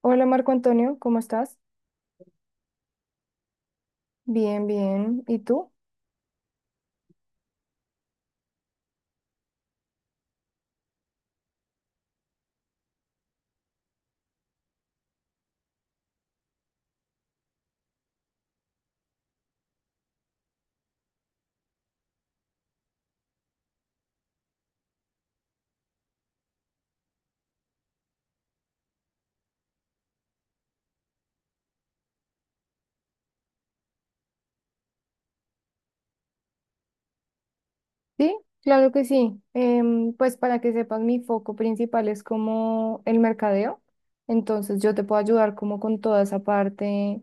Hola Marco Antonio, ¿cómo estás? Bien, bien. ¿Y tú? Sí, claro que sí. Pues para que sepas, mi foco principal es como el mercadeo. Entonces yo te puedo ayudar como con toda esa parte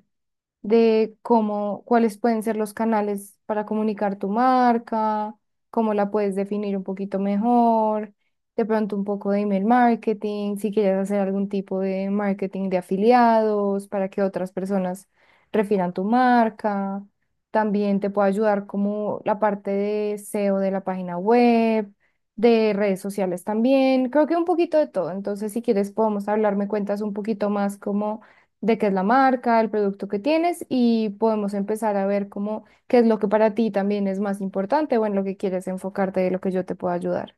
de cómo, cuáles pueden ser los canales para comunicar tu marca, cómo la puedes definir un poquito mejor, de pronto un poco de email marketing, si quieres hacer algún tipo de marketing de afiliados para que otras personas refieran tu marca. También te puede ayudar como la parte de SEO de la página web, de redes sociales también, creo que un poquito de todo. Entonces, si quieres, podemos hablar, me cuentas un poquito más como de qué es la marca, el producto que tienes y podemos empezar a ver cómo qué es lo que para ti también es más importante o en lo que quieres enfocarte de lo que yo te pueda ayudar.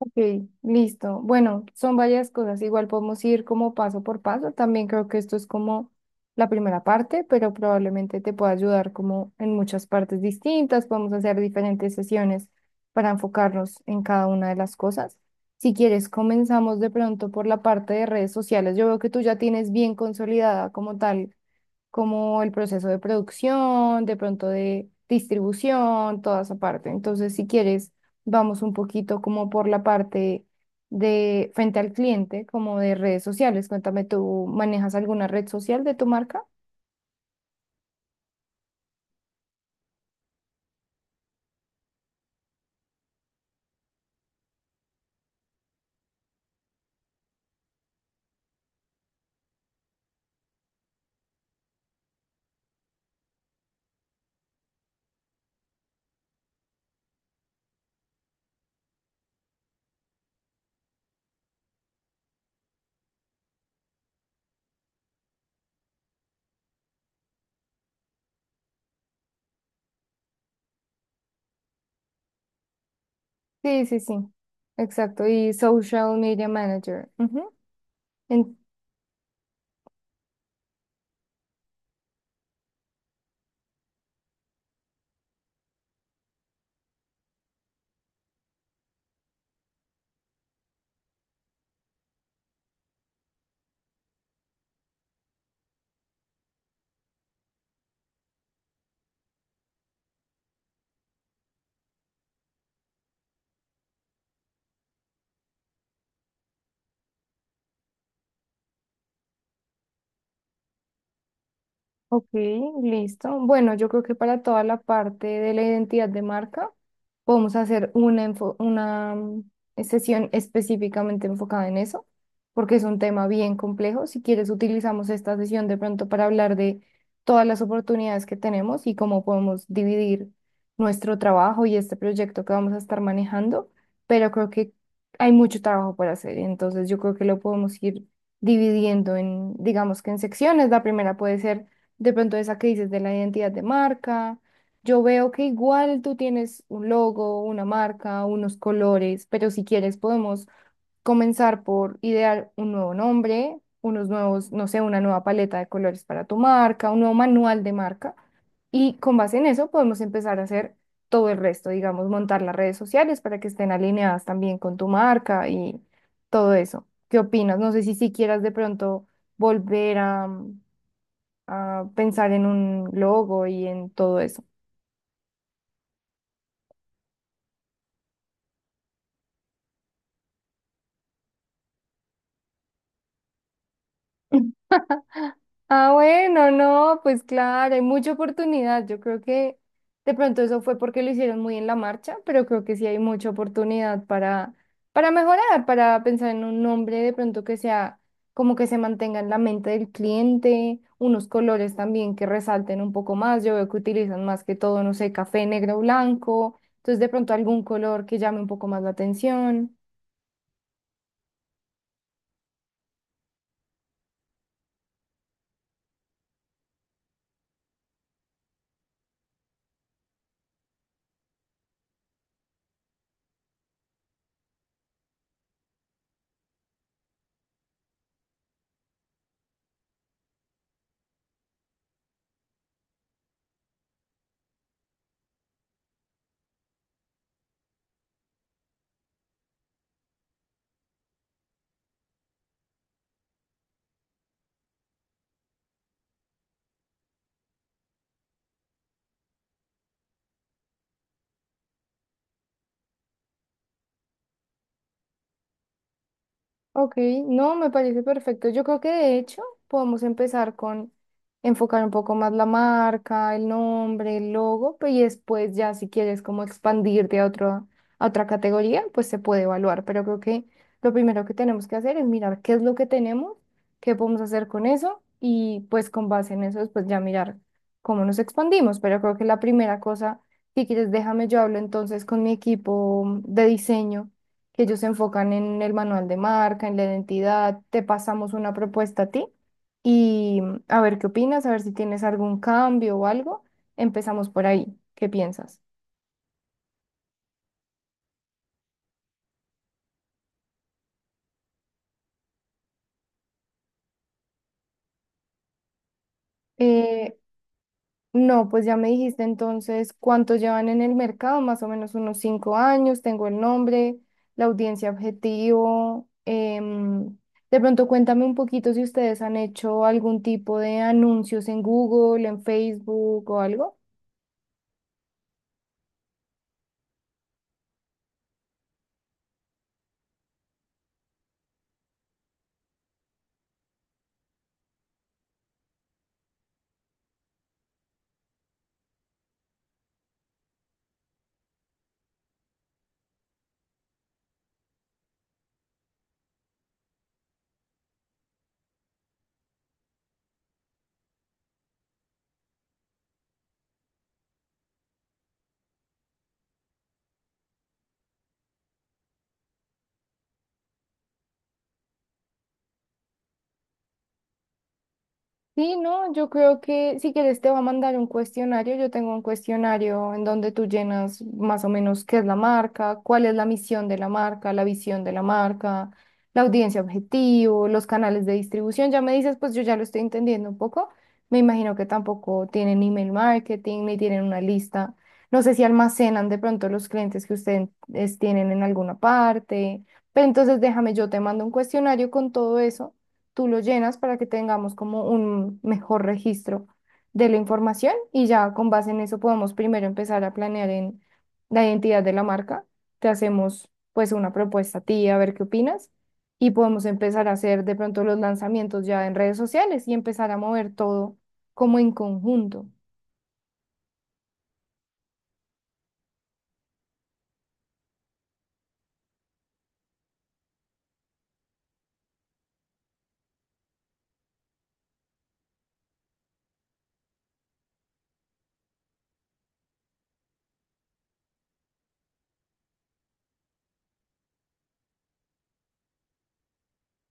Ok, listo. Bueno, son varias cosas. Igual podemos ir como paso por paso. También creo que esto es como la primera parte, pero probablemente te pueda ayudar como en muchas partes distintas. Podemos hacer diferentes sesiones para enfocarnos en cada una de las cosas. Si quieres, comenzamos de pronto por la parte de redes sociales. Yo veo que tú ya tienes bien consolidada como tal como el proceso de producción, de pronto de distribución, toda esa parte. Entonces, si quieres, vamos un poquito como por la parte de frente al cliente, como de redes sociales. Cuéntame, ¿tú manejas alguna red social de tu marca? Sí, sí, sí. Exacto. Y social media manager. Ujú. En- Ok, listo. Bueno, yo creo que para toda la parte de la identidad de marca podemos hacer una sesión específicamente enfocada en eso, porque es un tema bien complejo. Si quieres, utilizamos esta sesión de pronto para hablar de todas las oportunidades que tenemos y cómo podemos dividir nuestro trabajo y este proyecto que vamos a estar manejando, pero creo que hay mucho trabajo por hacer, entonces yo creo que lo podemos ir dividiendo en, digamos que en secciones. La primera puede ser de pronto esa que dices de la identidad de marca. Yo veo que igual tú tienes un logo, una marca, unos colores, pero si quieres podemos comenzar por idear un nuevo nombre, unos nuevos, no sé, una nueva paleta de colores para tu marca, un nuevo manual de marca. Y con base en eso podemos empezar a hacer todo el resto, digamos, montar las redes sociales para que estén alineadas también con tu marca y todo eso. ¿Qué opinas? No sé si quieras de pronto volver a pensar en un logo y en todo eso. Ah, bueno, no, pues claro, hay mucha oportunidad. Yo creo que de pronto eso fue porque lo hicieron muy en la marcha, pero creo que sí hay mucha oportunidad para mejorar, para pensar en un nombre de pronto que sea como que se mantenga en la mente del cliente, unos colores también que resalten un poco más. Yo veo que utilizan más que todo, no sé, café, negro, blanco. Entonces de pronto algún color que llame un poco más la atención. Ok, no, me parece perfecto. Yo creo que de hecho podemos empezar con enfocar un poco más la marca, el nombre, el logo, y después ya si quieres como expandirte a otro, a otra categoría, pues se puede evaluar. Pero creo que lo primero que tenemos que hacer es mirar qué es lo que tenemos, qué podemos hacer con eso, y pues con base en eso después ya mirar cómo nos expandimos. Pero creo que la primera cosa, si quieres, déjame yo hablo entonces con mi equipo de diseño que ellos se enfocan en el manual de marca, en la identidad, te pasamos una propuesta a ti y a ver qué opinas, a ver si tienes algún cambio o algo. Empezamos por ahí, ¿qué piensas? Eh, no, pues ya me dijiste entonces cuánto llevan en el mercado, más o menos unos 5 años, tengo el nombre, la audiencia objetivo. De pronto cuéntame un poquito si ustedes han hecho algún tipo de anuncios en Google, en Facebook o algo. Sí, no, yo creo que si quieres te va a mandar un cuestionario. Yo tengo un cuestionario en donde tú llenas más o menos qué es la marca, cuál es la misión de la marca, la visión de la marca, la audiencia objetivo, los canales de distribución. Ya me dices, pues yo ya lo estoy entendiendo un poco. Me imagino que tampoco tienen email marketing ni tienen una lista. No sé si almacenan de pronto los clientes que ustedes tienen en alguna parte. Pero entonces déjame, yo te mando un cuestionario con todo eso tú lo llenas para que tengamos como un mejor registro de la información y ya con base en eso podemos primero empezar a planear en la identidad de la marca. Te hacemos pues una propuesta a ti a ver qué opinas y podemos empezar a hacer de pronto los lanzamientos ya en redes sociales y empezar a mover todo como en conjunto.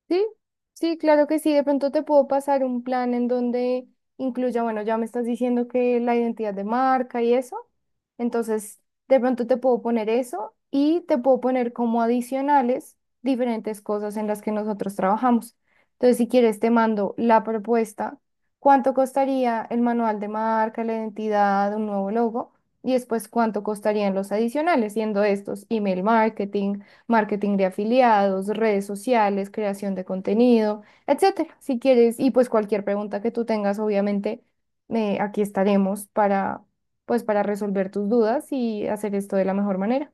Sí, sí, claro que sí. De pronto te puedo pasar un plan en donde incluya, bueno, ya me estás diciendo que la identidad de marca y eso. Entonces, de pronto te puedo poner eso y te puedo poner como adicionales diferentes cosas en las que nosotros trabajamos. Entonces, si quieres, te mando la propuesta, cuánto costaría el manual de marca, la identidad, un nuevo logo y después cuánto costarían los adicionales, siendo estos email marketing, marketing de afiliados, redes sociales, creación de contenido, etcétera. Si quieres, y pues cualquier pregunta que tú tengas, obviamente, aquí estaremos para, pues, para resolver tus dudas y hacer esto de la mejor manera.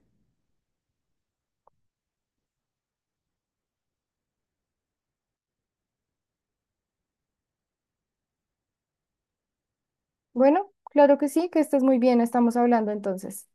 Bueno, claro que sí, que estés muy bien, estamos hablando entonces.